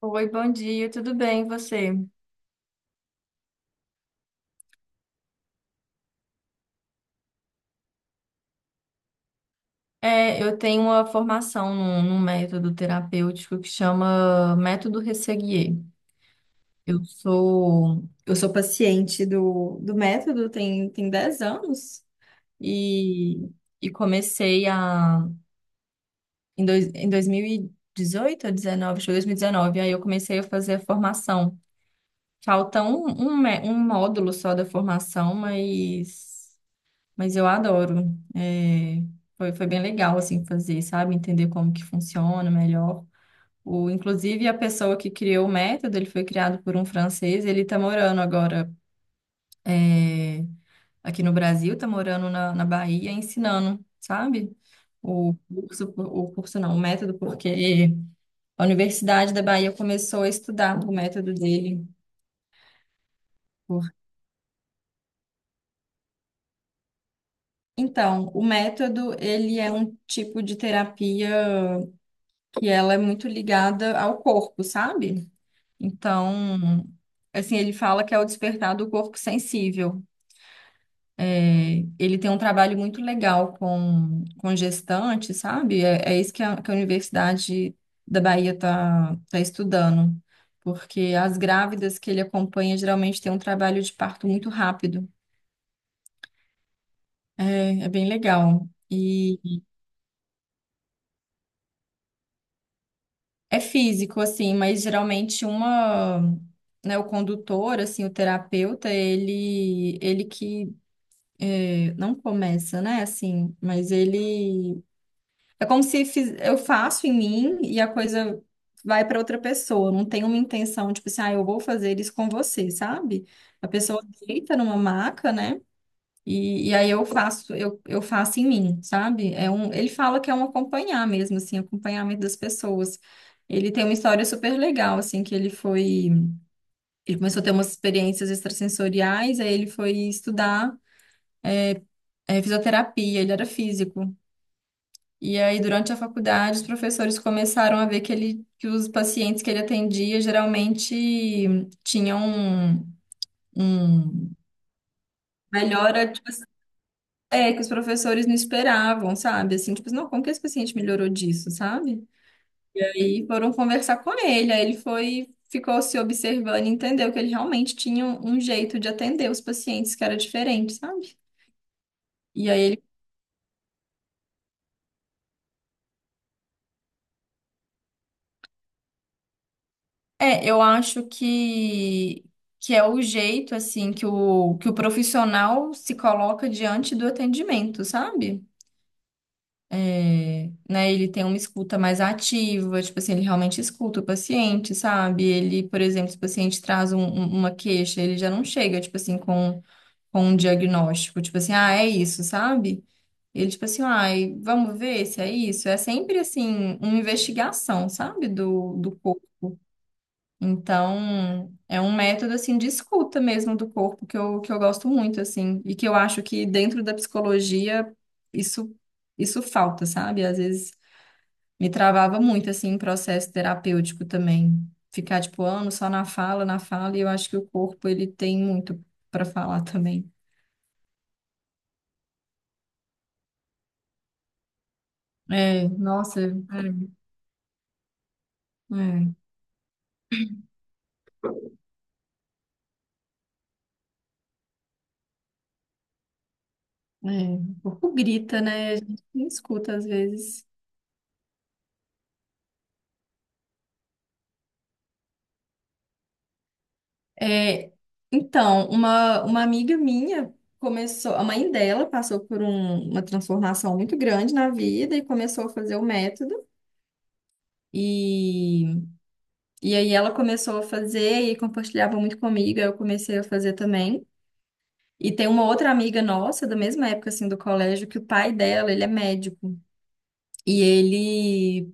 Oi, bom dia, tudo bem, e você? É, eu tenho uma formação num método terapêutico que chama Método Resseguier. Eu sou paciente do método, tem 10 anos, e, e comecei em 2018 ou 19, acho que foi 2019, aí eu comecei a fazer a formação. Falta um módulo só da formação. Mas eu adoro. É, foi bem legal, assim, fazer, sabe? Entender como que funciona melhor. O, inclusive, a pessoa que criou o método, ele foi criado por um francês, ele tá morando agora é, aqui no Brasil, tá morando na Bahia, ensinando, sabe? O curso não, o método, porque a Universidade da Bahia começou a estudar o método dele. Por- Então, o método, ele é um tipo de terapia que ela é muito ligada ao corpo, sabe? Então, assim, ele fala que é o despertar do corpo sensível. É, ele tem um trabalho muito legal com gestante, sabe? É é isso que que a Universidade da Bahia está tá tá estudando, porque as grávidas que ele acompanha geralmente têm um trabalho de parto muito rápido. É, é bem legal. E É físico, assim, mas geralmente uma, né, o condutor, assim, o terapeuta, ele que é, não começa, né, assim, mas ele é como se fiz- eu faço em mim e a coisa vai para outra pessoa. Não tem uma intenção, tipo assim, ah, eu vou fazer isso com você, sabe? A pessoa deita numa maca, né? E aí eu faço, eu faço em mim, sabe? É um, ele fala que é um acompanhar mesmo, assim, acompanhamento das pessoas. Ele tem uma história super legal, assim, que ele foi, ele começou a ter umas experiências extrasensoriais, aí ele foi estudar fisioterapia, ele era físico. E aí, durante a faculdade, os professores começaram a ver que ele, que os pacientes que ele atendia geralmente tinham um, um melhora, tipo. É, que os professores não esperavam, sabe? Assim, tipo, assim, não, como que esse paciente melhorou disso, sabe? E aí foram conversar com ele, aí ele foi, ficou se observando e entendeu que ele realmente tinha um jeito de atender os pacientes que era diferente, sabe? E aí ele. É, eu acho que é o jeito, assim, que o profissional se coloca diante do atendimento, sabe? É, né? Ele tem uma escuta mais ativa, tipo assim, ele realmente escuta o paciente, sabe? Ele, por exemplo, se o paciente traz uma queixa, ele já não chega, tipo assim, com um diagnóstico, tipo assim, ah, é isso, sabe? Ele, tipo assim, ai, vamos ver se é isso. É sempre, assim, uma investigação, sabe? Do corpo. Então, é um método, assim, de escuta mesmo do corpo que eu gosto muito, assim, e que eu acho que dentro da psicologia isso, isso falta, sabe? Às vezes me travava muito, assim, em processo terapêutico também. Ficar, tipo, anos só na fala, e eu acho que o corpo, ele tem muito para falar também. É, nossa, é, o corpo grita, né? A gente não escuta às vezes. É, então, uma amiga minha começou, a mãe dela passou por uma transformação muito grande na vida e começou a fazer o método. E, e aí ela começou a fazer e compartilhava muito comigo, aí eu comecei a fazer também. E tem uma outra amiga nossa, da mesma época assim do colégio, que o pai dela, ele é médico. E ele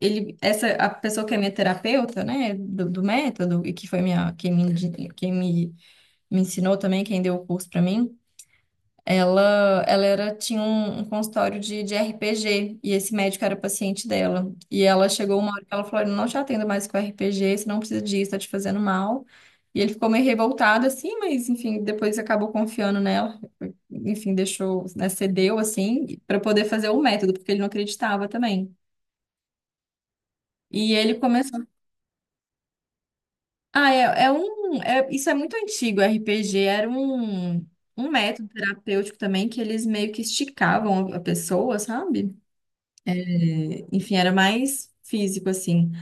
ele essa a pessoa que é minha terapeuta, né, do método e que foi minha, quem me, me ensinou também, quem deu o curso pra mim. Ela era, tinha um consultório de RPG, e esse médico era paciente dela. E ela chegou uma hora que ela falou: "Eu não te atendo mais com RPG, você não precisa disso, tá te fazendo mal." E ele ficou meio revoltado assim, mas enfim, depois acabou confiando nela, enfim, deixou, né, cedeu assim, para poder fazer o método, porque ele não acreditava também. E ele começou. Ah, isso é muito antigo, RPG. Era um método terapêutico também que eles meio que esticavam a pessoa, sabe? Enfim, era mais físico assim.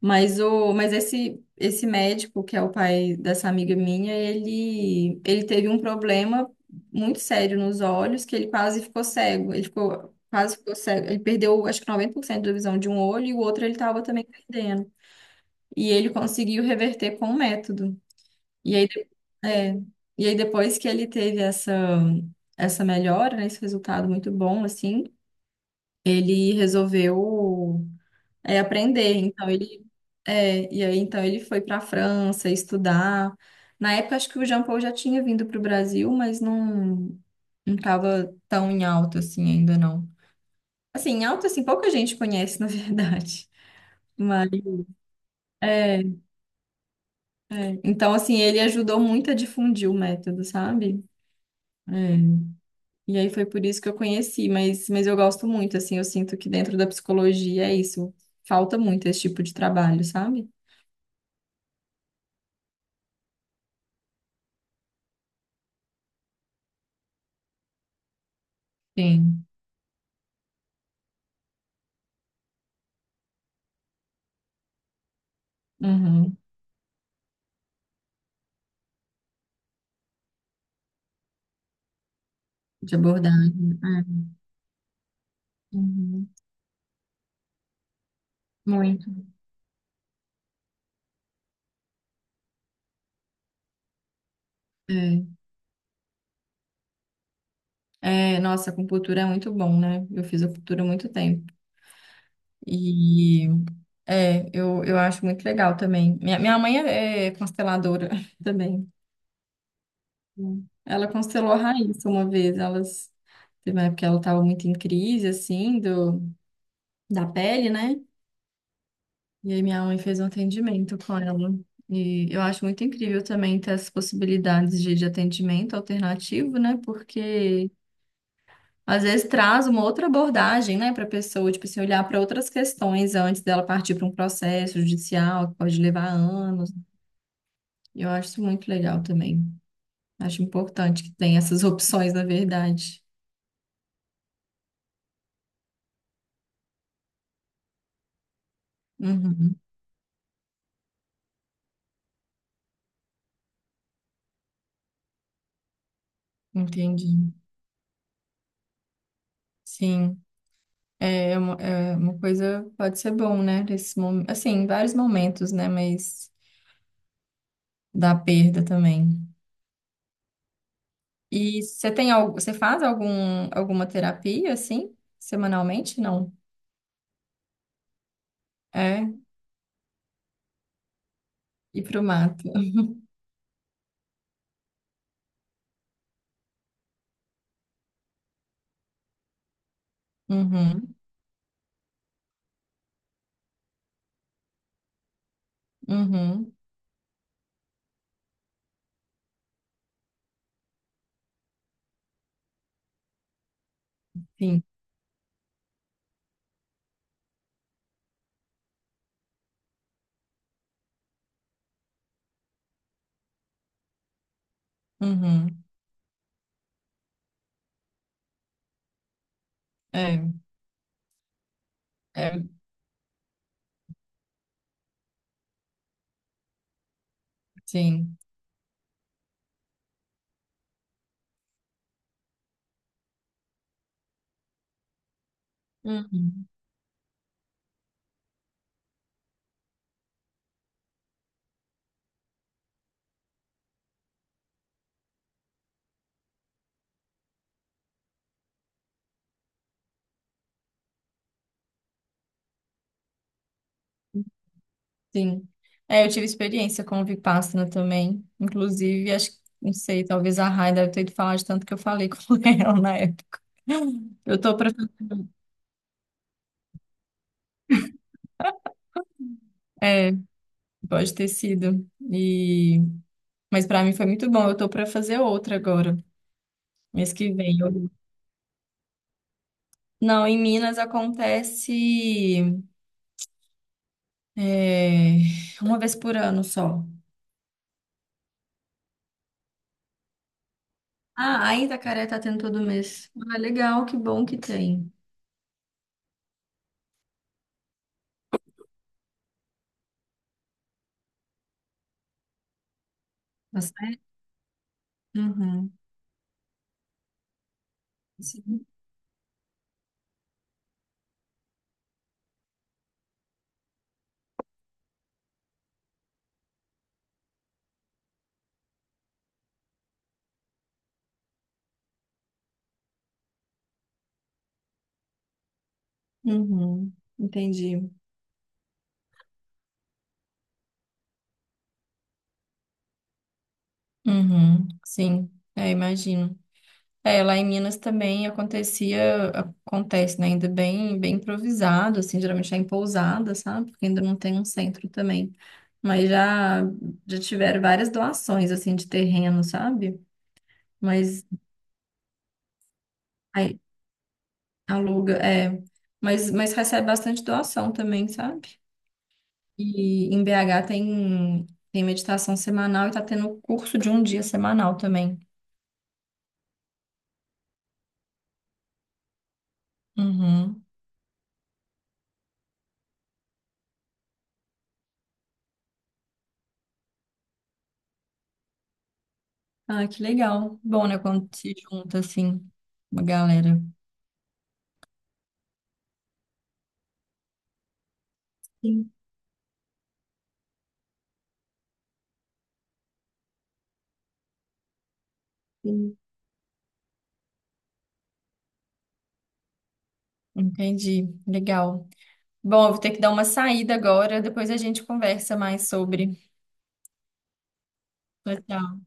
Mas o, mas esse esse médico, que é o pai dessa amiga minha, ele teve um problema muito sério nos olhos, que ele quase ficou cego. Ele ficou, quase ficou cego. Ele perdeu acho que 90% da visão de um olho, e o outro ele estava também perdendo. E ele conseguiu reverter com o método. E aí, é, e aí depois que ele teve essa melhora, né, esse resultado muito bom assim, ele resolveu aprender. E aí então ele foi para a França estudar. Na época acho que o Jean Paul já tinha vindo para o Brasil, mas não estava tão em alta assim ainda não. Assim, em alta assim, pouca gente conhece na verdade. Mas é, é. Então assim, ele ajudou muito a difundir o método, sabe? É. E aí foi por isso que eu conheci, mas eu gosto muito assim, eu sinto que dentro da psicologia é isso. Falta muito esse tipo de trabalho, sabe? Sim. Uhum. De abordagem. É. Uhum. Muito. É. É, nossa, acupuntura é muito bom, né? Eu fiz acupuntura há muito tempo. E eu acho muito legal também. Minha mãe é, é consteladora também. Ela constelou a Raíssa uma vez. Elas, teve uma época que ela estava muito em crise, assim, da pele, né? E aí minha mãe fez um atendimento com ela. E eu acho muito incrível também ter essas possibilidades de atendimento alternativo, né? Porque às vezes traz uma outra abordagem, né, para a pessoa, tipo assim, olhar para outras questões antes dela partir para um processo judicial, que pode levar anos. Eu acho isso muito legal também. Acho importante que tenha essas opções, na verdade. Uhum, entendi. Sim, é uma coisa, pode ser bom, né? Nesse momento, assim, em vários momentos, né? Mas da perda também. E você tem algo, você faz algum, alguma terapia assim, semanalmente? Não. É, ir pro mato. Uhum. Uhum. Sim. Uhum. É. É. Sim. Uhum. Sim. É, eu tive experiência com o Vipassana também, inclusive, acho que, não sei, talvez a Rai deve ter ido falar de tanto que eu falei com ela na época. Eu tô pra, é, Pode ter sido. e, mas pra mim foi muito bom, eu tô pra fazer outra agora, mês que vem. Não, em Minas acontece é, uma vez por ano só. Ah, ainda a Itacaré tá tendo todo mês. Ah, legal, que bom que tem. Você? Uhum. Sim. Uhum. Entendi. Uhum. Sim, imagino. É, lá em Minas também acontecia, acontece, né? Ainda bem, bem improvisado, assim, geralmente é em pousada, sabe? Porque ainda não tem um centro também. Mas já tiveram várias doações, assim, de terreno, sabe? Mas aí, aluga, é. Mas recebe bastante doação também, sabe? E em BH tem, tem meditação semanal e tá tendo curso de um dia semanal também. Uhum. Ah, que legal. Bom, né, quando se junta assim, uma galera. Sim, sim. Entendi. Legal. Bom, eu vou ter que dar uma saída agora, depois a gente conversa mais sobre. Tchau, tchau.